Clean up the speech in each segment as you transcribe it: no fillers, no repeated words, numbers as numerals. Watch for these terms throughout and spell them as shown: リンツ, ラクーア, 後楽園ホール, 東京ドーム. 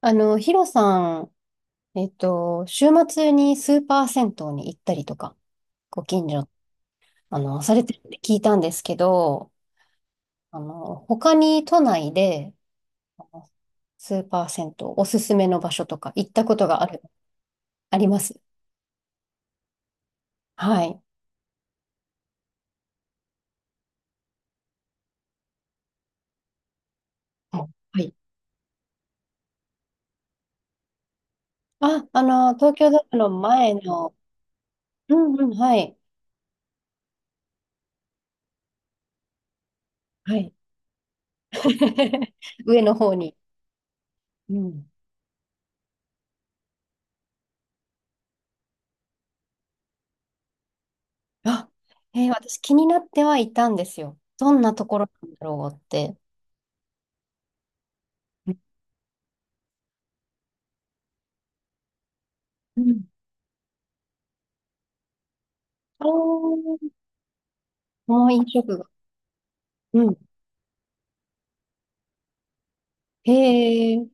ヒロさん、週末にスーパー銭湯に行ったりとか、ご近所、されてるって聞いたんですけど、他に都内で、あのスーパー銭湯、おすすめの場所とか行ったことがある、あります。はい。はい。あ、東京ドームの前の、うんうん、はい。はい。上の方に。うん。あ、私気になってはいたんですよ。どんなところなんだろうって。うん。ああ、もう飲食が。うん。へえ。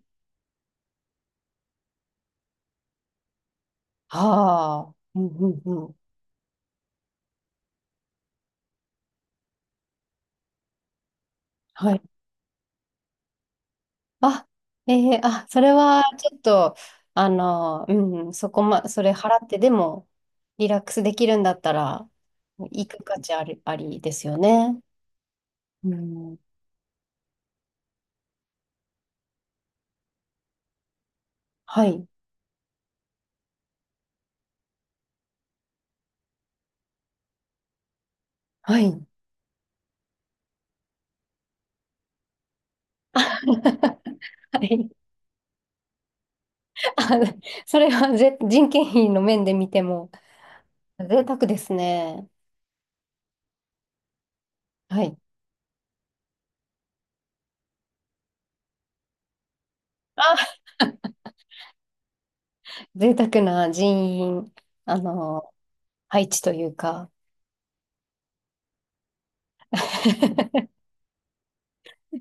はあ。うんうんうん。はい。あ、ええ、あ、それはちょっと、うん、そこま、それ払ってでも、リラックスできるんだったら、行く価値ありですよね。うん。はい。はい。はい。あ、それはぜ、人件費の面で見ても、贅沢ですね。はい。あ、贅沢な人員。あの、配置というか、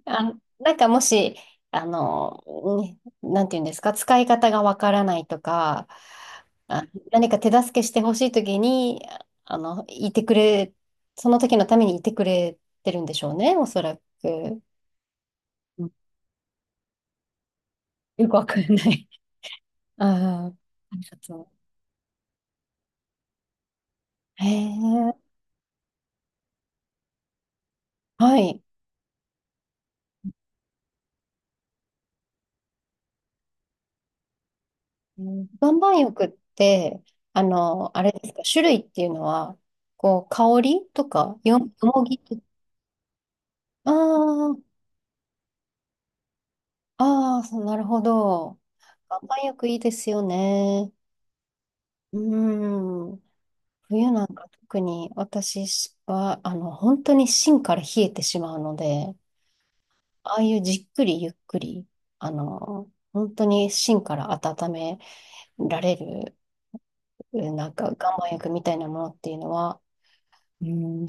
あ、なんかもし、あの、ね、なんていうんですか、使い方がわからないとか、あ、何か手助けしてほしいときに、あの、いてくれ、その時のためにいてくれてるんでしょうね、おそらく。うん。よくわかんない。ああ、ありがとう。へえ、はい。うん、岩盤浴って、あれですか、種類っていうのは、こう、香りとか、よもぎとか、ああ、ああ、そう、なるほど。岩盤浴いいですよね。うん。冬なんか特に私は、本当に芯から冷えてしまうので、ああいうじっくりゆっくり、本当に芯から温められる、なんか岩盤浴みたいなものっていうのは、うん、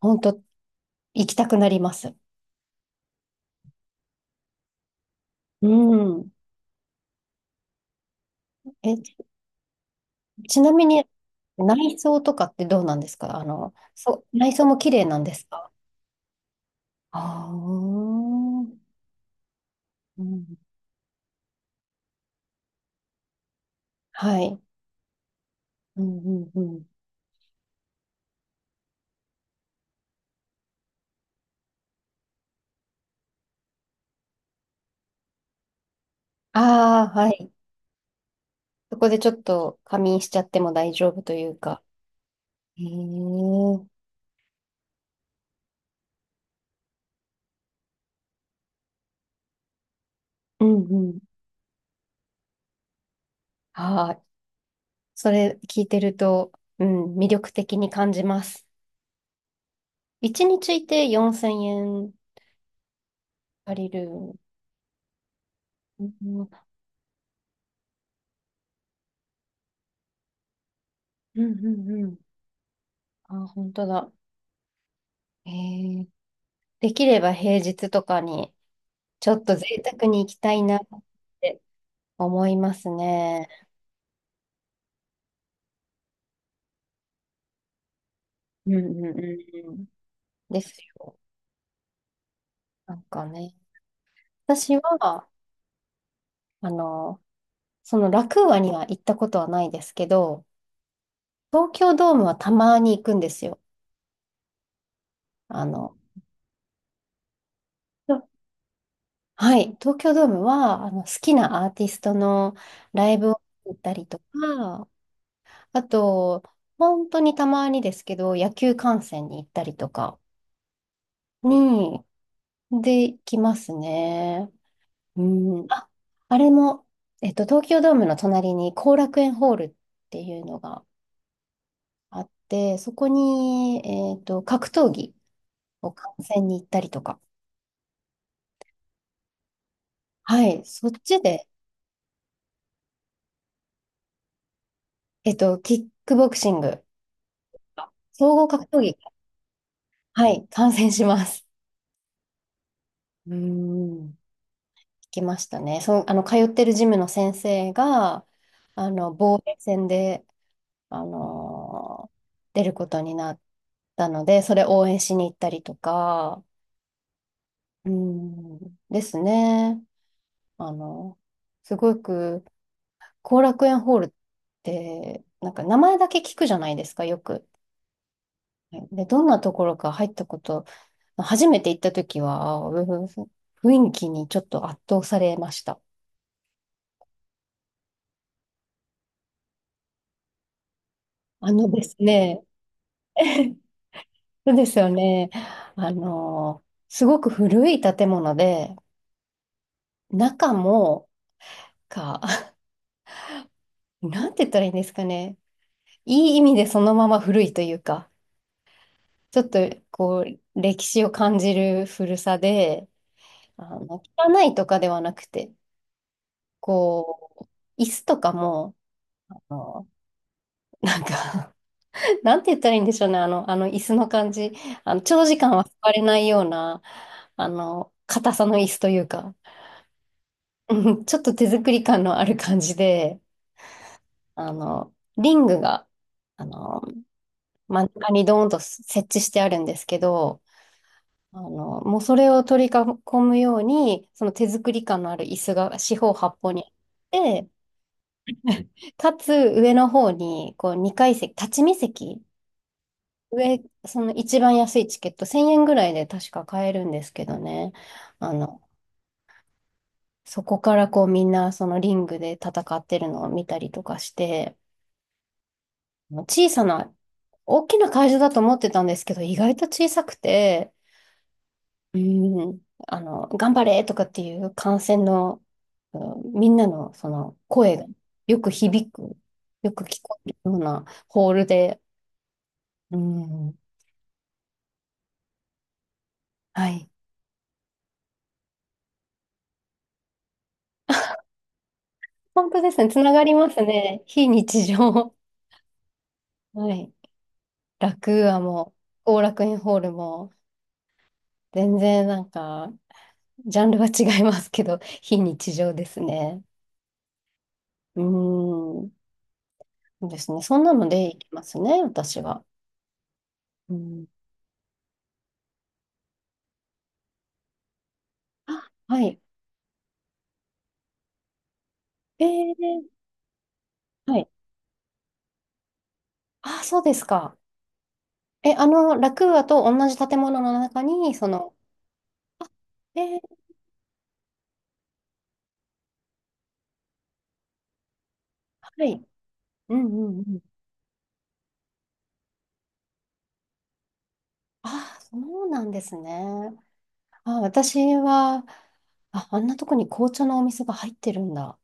本当行きたくなります。うん。え、ちなみに内装とかってどうなんですか？あの、そう、内装も綺麗なんですか？ああ、うん、はい。うん、うん、うん。ああ、はい。そこでちょっと仮眠しちゃっても大丈夫というか。へえ。うん、うん。はい。それ聞いてると、うん、魅力的に感じます。一日いて4000円借りる。うん、うん、うんうん。あ、本当だ。へえ。できれば平日とかに、ちょっと贅沢に行きたいなって思いますね。うん、うん、うんうん。ですよ。なんかね、私は、あの、そのラクーアには行ったことはないですけど、東京ドームはたまに行くんですよ。あの、はい、東京ドームは、好きなアーティストのライブを行ったりとか、あと、本当にたまにですけど、野球観戦に行ったりとかに、で、行きますね。うん。あ、あれも、東京ドームの隣に後楽園ホールっていうのが、あって、そこに、格闘技を観戦に行ったりとか。はい、そっちで、キックボクシング、総合格闘技、はい、観戦します。うーん。行きましたね。その、通ってるジムの先生が、防衛戦で、あのー出ることになったので、それ応援しに行ったりとか、うーん、ですね。あの、すごく、後楽園ホールって、なんか名前だけ聞くじゃないですか、よく。はい。で、どんなところか入ったこと、初めて行った時は、雰囲気にちょっと圧倒されました。あのですね、そうですよね。あの、すごく古い建物で、中も、か、なんて言ったらいいんですかね。いい意味でそのまま古いというか、ちょっとこう、歴史を感じる古さで、汚いとかではなくて、こう、椅子とかも、あの、なんか なんて言ったらいいんでしょうね、あの椅子の感じ。長時間は座れないような、硬さの椅子というか、うん、ちょっと手作り感のある感じで、リングが、あの、真ん中にドーンと設置してあるんですけど、もうそれを取り囲むように、その手作り感のある椅子が四方八方にあって、かつ上の方に、こう、2階席、立ち見席、上、その一番安いチケット、1000円ぐらいで確か買えるんですけどね。あの、そこからこうみんなそのリングで戦ってるのを見たりとかして、小さな、大きな会場だと思ってたんですけど、意外と小さくて、うん、頑張れとかっていう観戦の、うん、みんなのその声がよく響く、よく聞こえるようなホールで、うん、はい。本当ですね。つながりますね。非日常。はい。楽屋もう、後楽園ホールも、全然なんか、ジャンルは違いますけど、非日常ですね。うーん。そうですね。そんなので行きますね、私は。うん。あ、はい。えー、はい。あ、そうですか。え、楽屋と同じ建物の中に、その、えー、はい。うんうんうん。あ、そうなんですね。あ、私は、あ、あんなとこに紅茶のお店が入ってるんだ。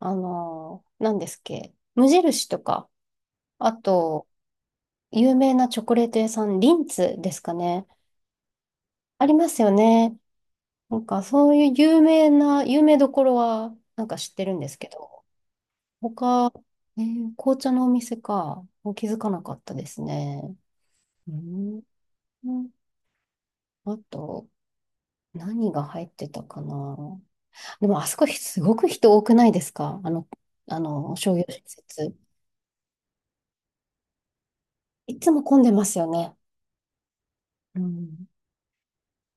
何ですっけ、無印とか、あと、有名なチョコレート屋さん、リンツですかね。ありますよね。なんか、そういう有名な、有名どころは、なんか知ってるんですけど、他、紅茶のお店か、気づかなかったですね。うん。あと、何が入ってたかな。でも、あそこ、すごく人多くないですか？あの、商業施設。いつも混んでますよね。うん、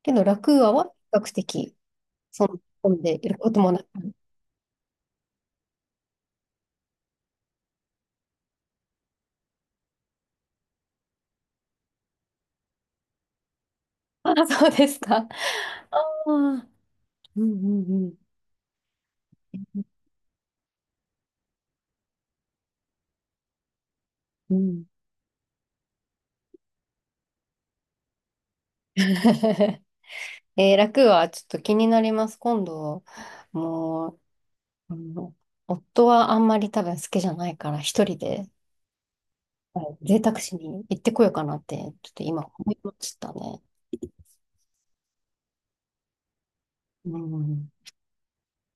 けど、楽アは比較的、その、混んでいることもなく。ああ、そうですか。ああ、うんうんうん。うん。 えー、楽はちょっと気になります。今度、もう、あの夫はあんまり多分好きじゃないから、一人で、はい、贅沢しに行ってこようかなって、ちょっと今思いましたね。うん。